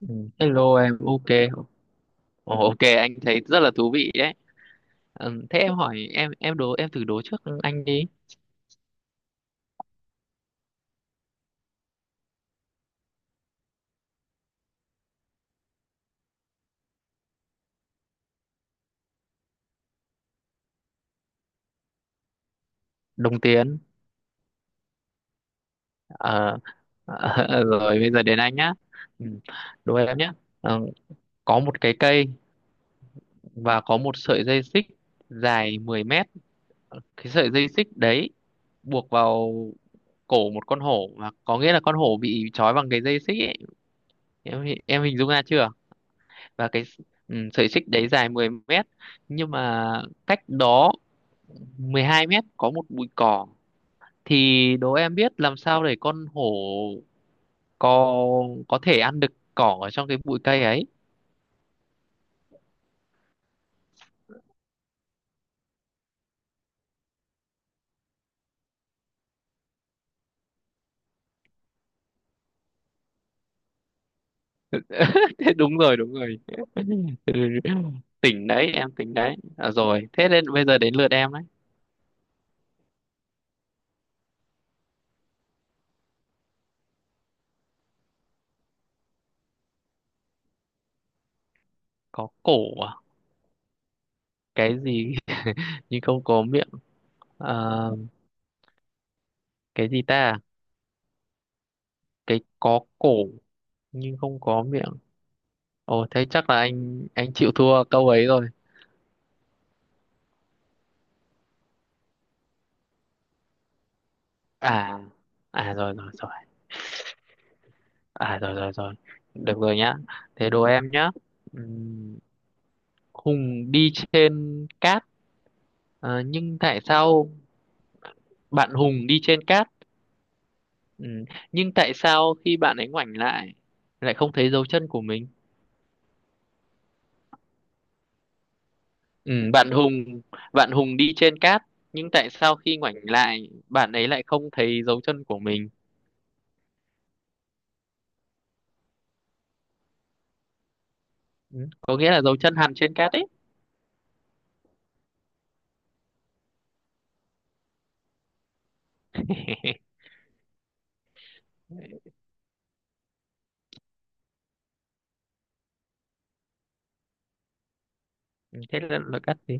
Ừ, hello em, ok. Ồ, ok, anh thấy rất là thú vị đấy. Ừ, thế em hỏi em đố em thử đố trước anh đi. Đồng tiền. Ờ, rồi bây giờ đến anh nhá. Ừ, đố em nhá. Ờ, có một cái cây và có một sợi dây xích dài 10 mét. Cái sợi dây xích đấy buộc vào cổ một con hổ, và có nghĩa là con hổ bị trói bằng cái dây xích ấy. Em hình dung ra chưa? Và cái sợi xích đấy dài 10 mét, nhưng mà cách đó 12 mét có một bụi cỏ, thì đố em biết làm sao để con hổ có có thể ăn được cỏ ở trong cái bụi cây ấy. Đúng rồi, đúng rồi. Tỉnh đấy, em tỉnh đấy à? Rồi, thế nên bây giờ đến lượt em đấy. Có cổ à? Cái gì nhưng không có miệng? À, cái gì ta, cái có cổ nhưng không có miệng? Ồ thế chắc là anh chịu thua câu ấy rồi. À, à rồi rồi rồi. À rồi rồi rồi. Được rồi nhá. Thế đố em nhá. Ừm, Hùng đi trên cát, nhưng tại sao bạn Hùng đi trên cát ừm, nhưng tại sao khi bạn ấy ngoảnh lại, lại không thấy dấu chân của mình? Ừm, bạn Hùng bạn Hùng đi trên cát, nhưng tại sao khi ngoảnh lại bạn ấy lại không thấy dấu chân của mình? Có nghĩa là dấu chân hằn trên cát ấy. Thế là cát gì?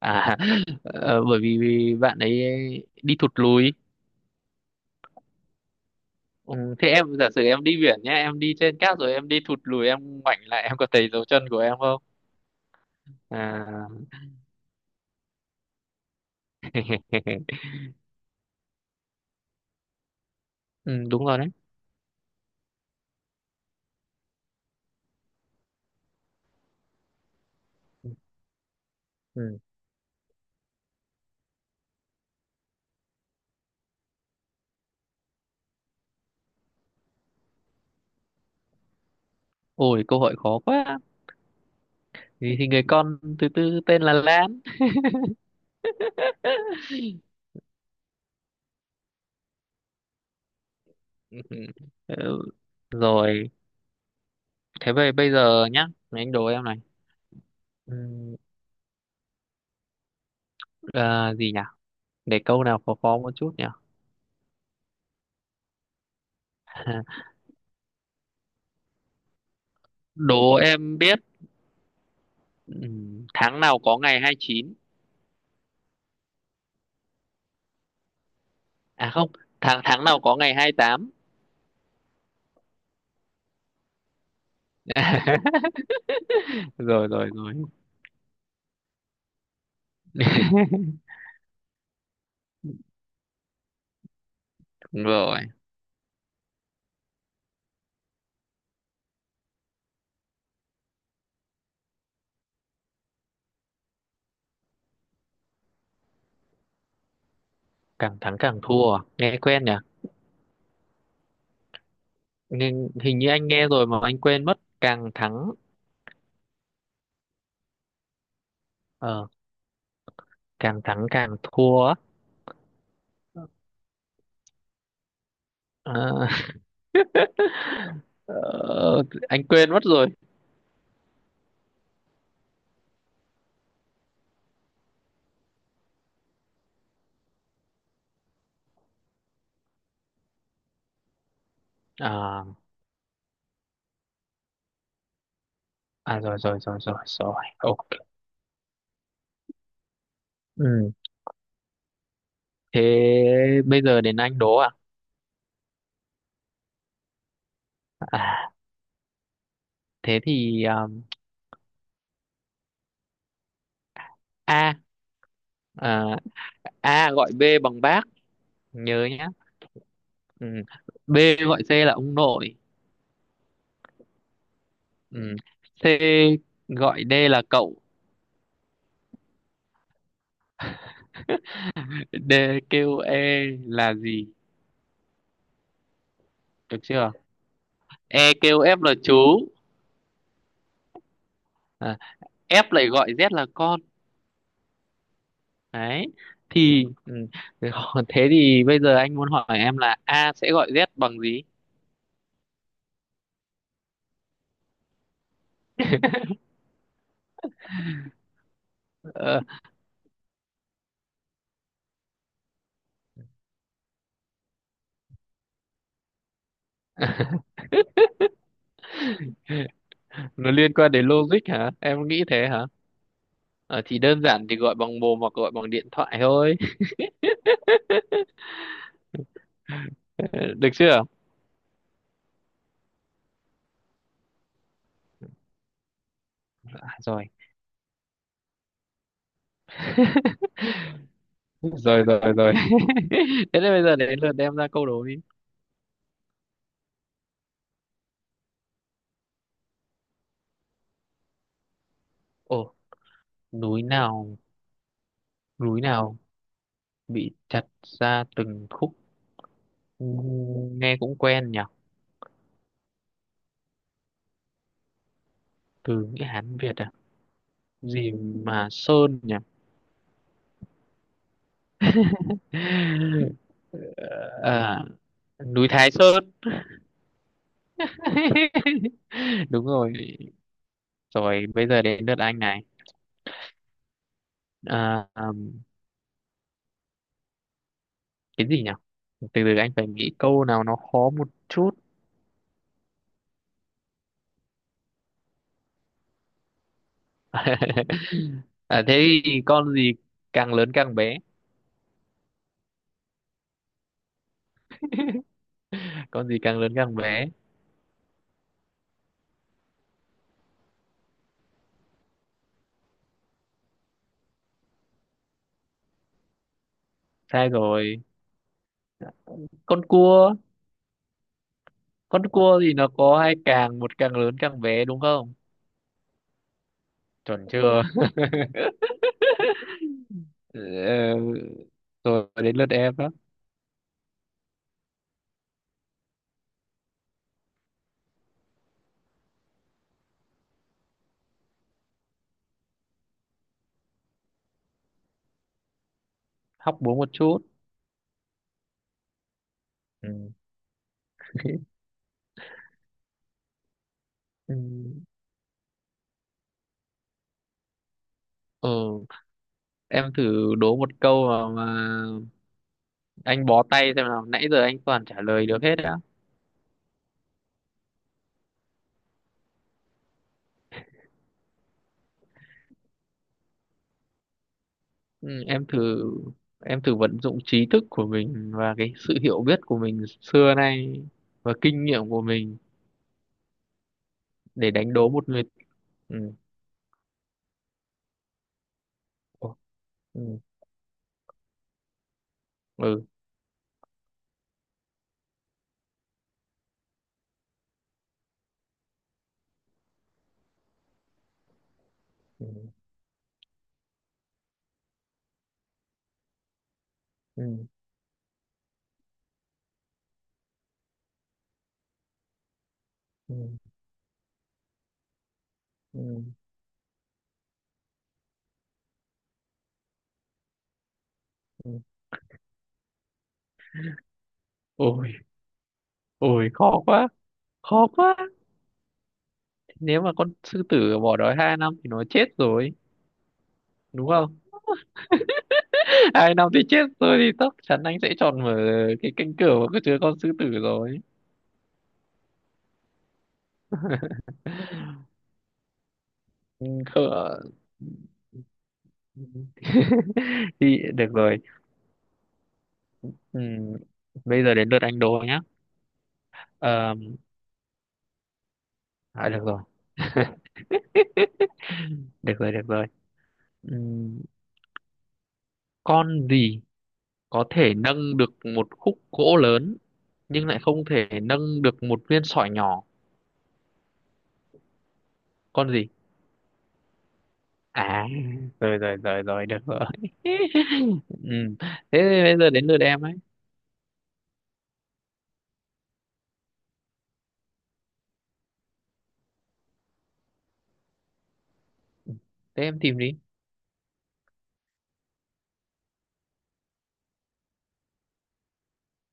À, bởi vì vì bạn ấy đi thụt lùi. Ừ, thế em giả sử em đi biển nhá, em đi trên cát rồi em đi thụt lùi, em ngoảnh lại em có thấy dấu chân của em không? À ừ, đúng rồi đấy. Ừ, ôi câu hỏi khó quá, thì người con thứ tư tên là Lan. Ừ, rồi thế bây bây giờ nhá, anh đố em này. Ừ, gì nhỉ, để câu nào khó khó một chút nhỉ. Đố em biết, ừ, tháng nào có ngày 29. À không, tháng tháng nào có ngày 28. Rồi rồi rồi. Đúng rồi. Càng thắng càng thua à? Nghe quen nhỉ. Nhưng hình như anh nghe rồi mà anh quên mất, càng thắng ờ càng thắng càng thua á. Ờ, ờ, anh quên mất rồi. À, à rồi rồi rồi rồi rồi, ok. Ừ, thế bây giờ đến anh đố. À, à, thế thì a à, a gọi B bằng bác, nhớ nhá. Ừ, B gọi C là ông nội. Ừ, C gọi D là cậu. D kêu E là gì, được chưa. E kêu F là chú. À, F lại gọi Z là con đấy. Thì ừ, thế thì bây giờ anh muốn hỏi em là A sẽ gọi Z bằng gì. Ờ, nó liên quan đến logic hả, em nghĩ thế hả? Ờ, thì đơn giản thì gọi bằng mồm hoặc gọi bằng điện thoại thôi. Được chưa? À, rồi. Rồi rồi rồi. Thế nên bây giờ đến lượt em ra câu đố đi. Ồ, núi nào núi nào bị chặt ra từng khúc? Nghe cũng quen nhỉ. Từ nghĩa Hán Việt à? Gì mà Sơn nhỉ? À, núi Thái Sơn. Đúng rồi. Rồi bây giờ đến lượt anh này. À, cái gì nhỉ, từ từ anh phải nghĩ câu nào nó khó một chút. À, thế thì càng lớn càng bé con gì càng lớn càng bé? Sai rồi, con cua. Con cua thì nó có hai càng, một càng lớn càng bé đúng không. Chuẩn chưa? Ờ, rồi đến lượt em đó. Hóc búa một chút. Ừ. Ừ. Ừ, em thử đố một câu mà anh bó tay xem nào, nãy giờ anh toàn trả lời được hết đã. Ừ, em thử vận dụng trí thức của mình và cái sự hiểu biết của mình xưa nay và kinh nghiệm của mình để đánh đố một người. Ừ. Ồ, ừ. Ừ. Ừ. Ừ. Ừ. Ừ. Ừ. Ôi, ôi khó quá, khó quá. Nếu mà con sư tử bỏ đói 2 năm thì nó chết rồi đúng không. 2 năm thì chết tôi, thì chắc chắn anh sẽ chọn mở cái cánh cửa mà có chứa con sư tử rồi. Không ạ. Thì được rồi. Ừ. Bây giờ đến lượt anh Đô nhá. Ờ, được rồi. Được rồi, được rồi. Ừ, con gì có thể nâng được một khúc gỗ lớn nhưng lại không thể nâng được một viên sỏi nhỏ? Con gì? À rồi rồi rồi rồi, được rồi. Ừ, thế bây giờ đến lượt em ấy. Thế em tìm đi.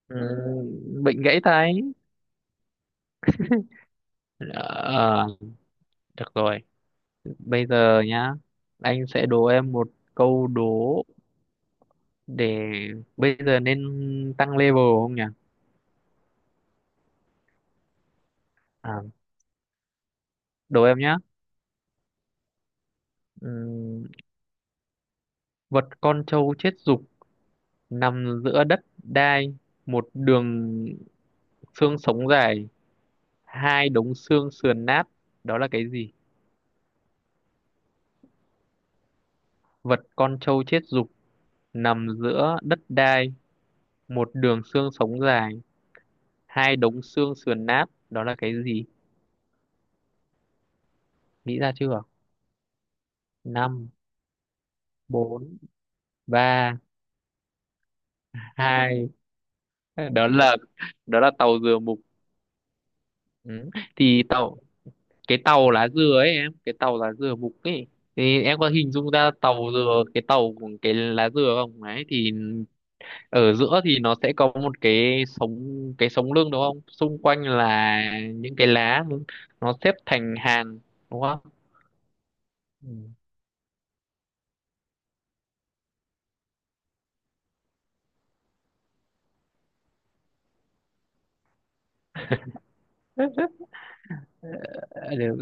Ừ, bệnh gãy tay. Ờ, được rồi. Bây giờ nhá, anh sẽ đố em một câu đố, để bây giờ nên tăng level không nhỉ? À, đố em nhá. Ừm, Vật con trâu chết dục, nằm giữa đất đai, một đường xương sống dài, hai đống xương sườn nát. Đó là cái gì? Vật con trâu chết dục nằm giữa đất đai, một đường xương sống dài, hai đống xương sườn nát, đó là cái gì, nghĩ ra chưa? Năm, bốn, ba, hai, đó là, tàu dừa mục. Ừ. Thì cái tàu lá dừa ấy em, cái tàu lá dừa mục ấy, thì em có hình dung ra tàu dừa, cái tàu của cái lá dừa không, ấy thì ở giữa thì nó sẽ có một cái sống, cái sống lưng đúng không, xung quanh là những cái lá, nó xếp thành hàng đúng không. Ừ. Ờ, được.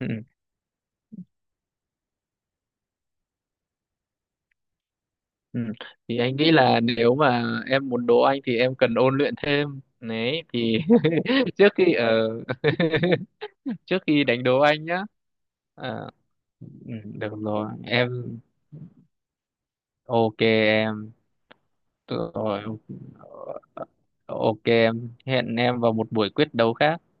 Ừ. Ừ. Thì anh nghĩ là nếu mà em muốn đỗ anh thì em cần ôn luyện thêm đấy, thì trước khi ở trước khi đánh đố anh nhá. Ờ, ừ, được rồi em, ok em. Được rồi. Ờ, ờ, ok em, hẹn em vào một buổi quyết đấu khác.